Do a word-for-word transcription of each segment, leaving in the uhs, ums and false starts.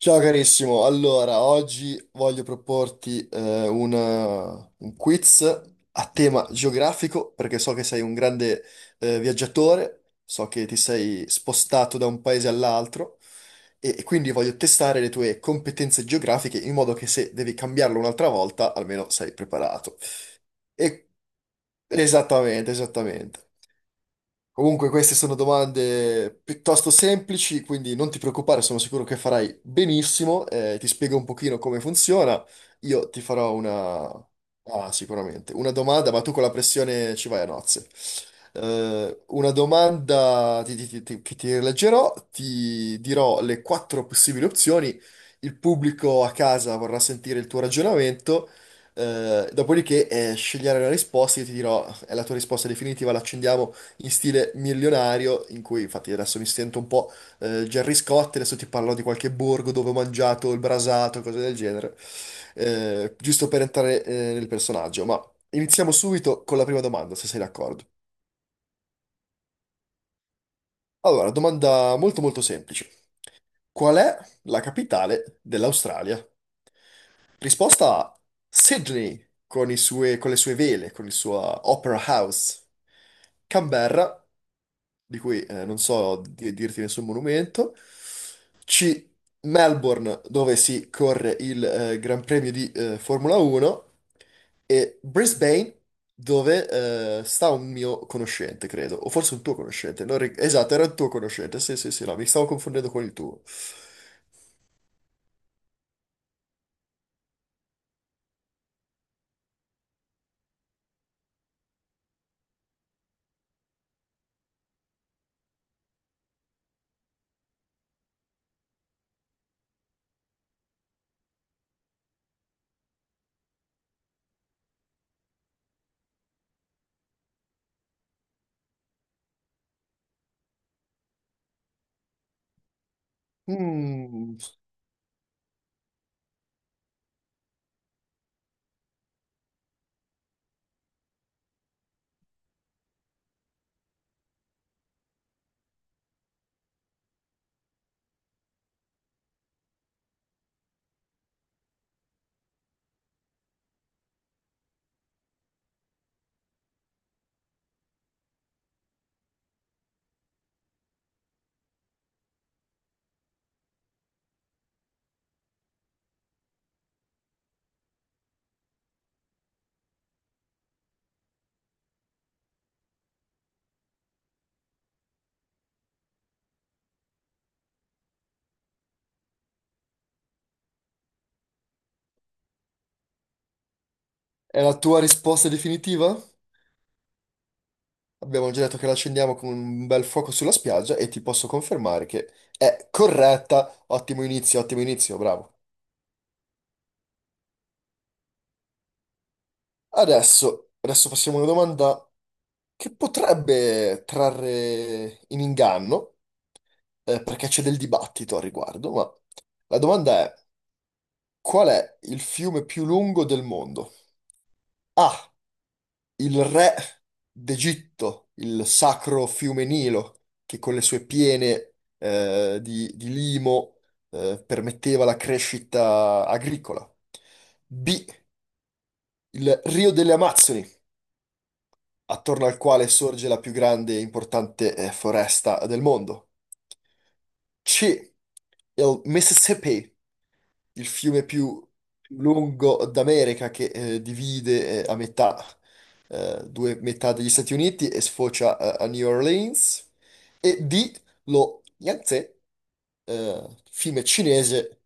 Ciao carissimo, allora oggi voglio proporti eh, una- un quiz a tema geografico perché so che sei un grande eh, viaggiatore, so che ti sei spostato da un paese all'altro e, e quindi voglio testare le tue competenze geografiche in modo che se devi cambiarlo un'altra volta almeno sei preparato. E- Esattamente, esattamente. Comunque queste sono domande piuttosto semplici, quindi non ti preoccupare, sono sicuro che farai benissimo. Eh, ti spiego un pochino come funziona. Io ti farò una... Ah, sicuramente. Una domanda, ma tu con la pressione ci vai a nozze. Eh, una domanda ti- ti- ti- ti- che ti leggerò, ti dirò le quattro possibili opzioni. Il pubblico a casa vorrà sentire il tuo ragionamento. Eh, dopodiché, eh, scegliere la risposta, io ti dirò, è la tua risposta definitiva, l'accendiamo in stile milionario, in cui infatti adesso mi sento un po' eh, Gerry Scott, adesso ti parlo di qualche borgo dove ho mangiato il brasato, cose del genere, eh, giusto per entrare eh, nel personaggio. Ma iniziamo subito con la prima domanda, se sei d'accordo. Allora, domanda molto molto semplice. Qual è la capitale dell'Australia? Risposta A, Sydney con i sue- con le sue vele, con il suo uh, Opera House. Canberra, di cui eh, non so di- dirti nessun monumento. C. Melbourne, dove si corre il eh, Gran Premio di eh, Formula uno. E Brisbane, dove eh, sta un mio conoscente, credo. O forse un tuo conoscente. Non ri- Esatto, era il tuo conoscente. Sì, sì, sì, no, mi stavo confondendo con il tuo. Mm. È la tua risposta definitiva? Abbiamo già detto che la accendiamo con un bel fuoco sulla spiaggia e ti posso confermare che è corretta. Ottimo inizio, ottimo inizio, bravo. Adesso, adesso passiamo a una domanda che potrebbe trarre in inganno, eh, perché c'è del dibattito al riguardo, ma la domanda è: qual è il fiume più lungo del mondo? A. Il re d'Egitto, il sacro fiume Nilo, che con le sue piene eh, di, di limo eh, permetteva la crescita agricola. B. Il Rio delle Amazzoni, attorno al quale sorge la più grande e importante eh, foresta del mondo. C. Il Mississippi, il fiume più lungo d'America che eh, divide eh, a metà eh, due metà degli Stati Uniti e sfocia eh, a New Orleans, e D, lo Yangtze, eh, fiume cinese.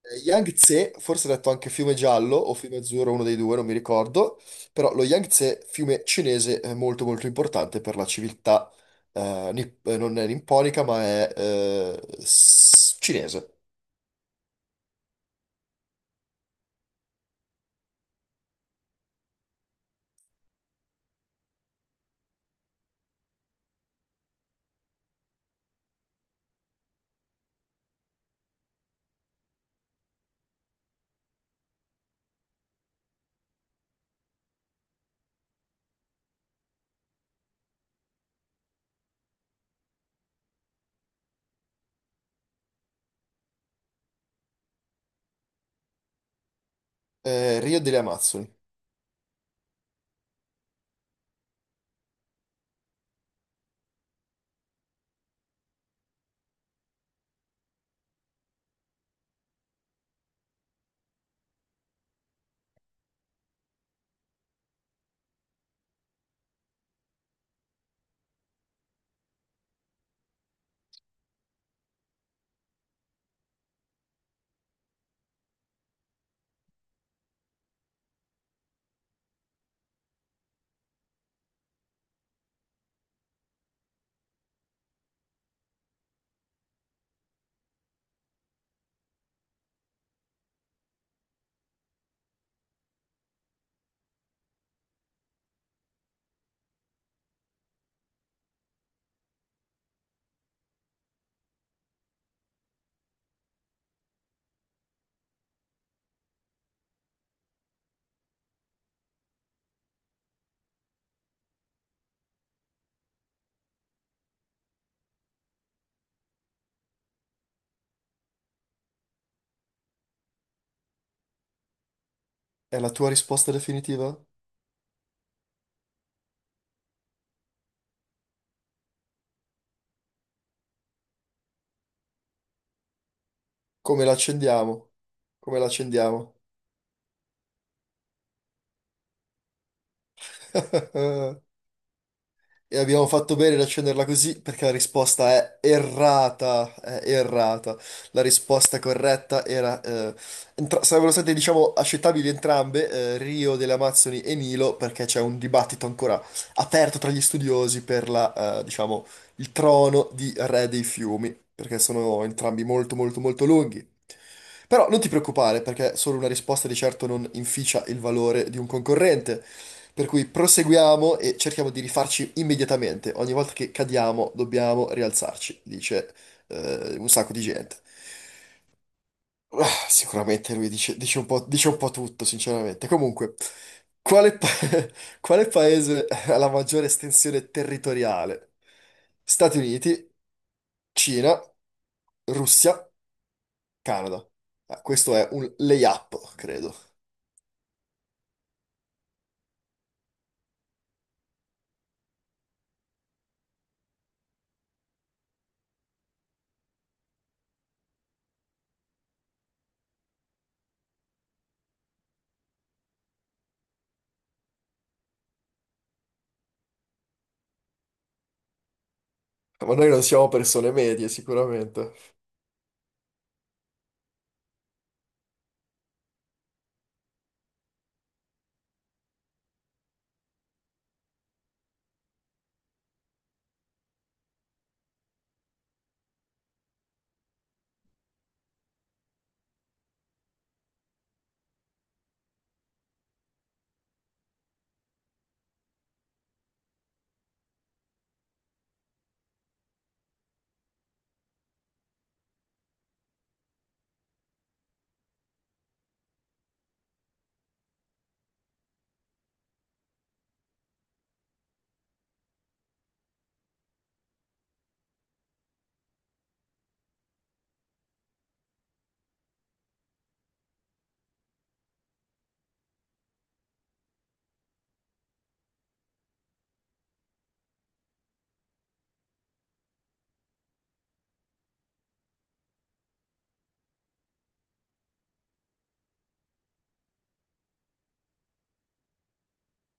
Eh, Yangtze, forse detto anche fiume giallo o fiume azzurro, uno dei due, non mi ricordo, però lo Yangtze, fiume cinese, è molto molto importante per la civiltà, eh, nip- eh, non è nipponica, ma è eh, s- cinese. Eh, Rio delle Amazzoni. È la tua risposta definitiva? Come l'accendiamo? Come l'accendiamo? E abbiamo fatto bene ad accenderla così perché la risposta è errata, è errata. La risposta corretta era... eh, entra- sarebbero state, diciamo, accettabili entrambe, eh, Rio delle Amazzoni e Nilo, perché c'è un dibattito ancora aperto tra gli studiosi per la, eh, diciamo, il trono di re dei fiumi, perché sono entrambi molto, molto, molto lunghi. Però non ti preoccupare, perché solo una risposta di certo non inficia il valore di un concorrente. Per cui proseguiamo e cerchiamo di rifarci immediatamente. Ogni volta che cadiamo dobbiamo rialzarci, dice eh, un sacco di gente. Ah, sicuramente lui dice, dice un po', dice un po' tutto, sinceramente. Comunque, quale, pa- quale paese ha la maggiore estensione territoriale? Stati Uniti, Cina, Russia, Canada. Ah, questo è un layup, credo. Ma noi non siamo persone medie, sicuramente.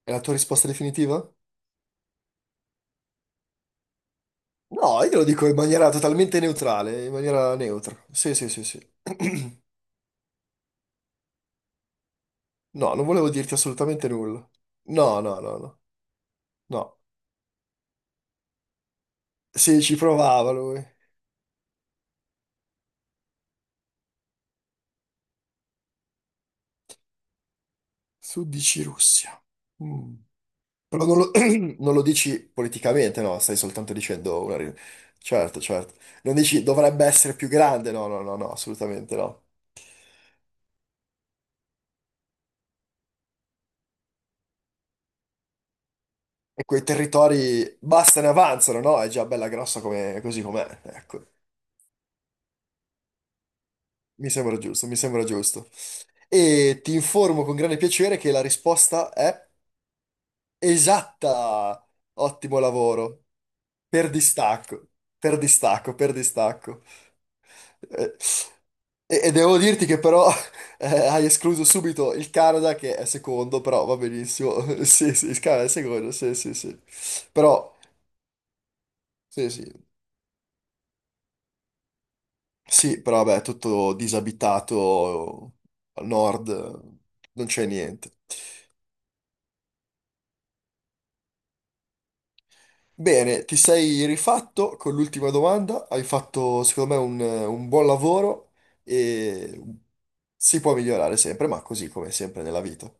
È la tua risposta definitiva? No, io lo dico in maniera totalmente neutrale, in maniera neutra. Sì, sì, sì, sì. No, non volevo dirti assolutamente nulla. No, no, no, no. No. Sì, ci provava lui. Tu dici Russia. Mm. Però non lo, non lo dici politicamente, no, stai soltanto dicendo una... ri- Certo, certo. Non dici dovrebbe essere più grande, no, no, no, no, assolutamente no. E quei territori basta, ne avanzano, no? È già bella grossa come, così com'è, ecco. Mi sembra giusto, mi sembra giusto. E ti informo con grande piacere che la risposta è esatta. Ottimo lavoro. Per distacco, per distacco, per distacco. Eh, E, e devo dirti che però eh, hai escluso subito il Canada che è secondo, però va benissimo. Sì, sì, il Canada è secondo, sì, sì, sì. Però, sì, sì. Sì, però vabbè, tutto disabitato al nord, non c'è niente. Bene, ti sei rifatto con l'ultima domanda, hai fatto secondo me un, un buon lavoro e si può migliorare sempre, ma così come sempre nella vita.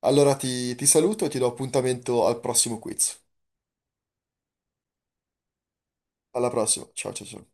Allora ti, ti saluto e ti do appuntamento al prossimo quiz. Alla prossima, ciao ciao ciao.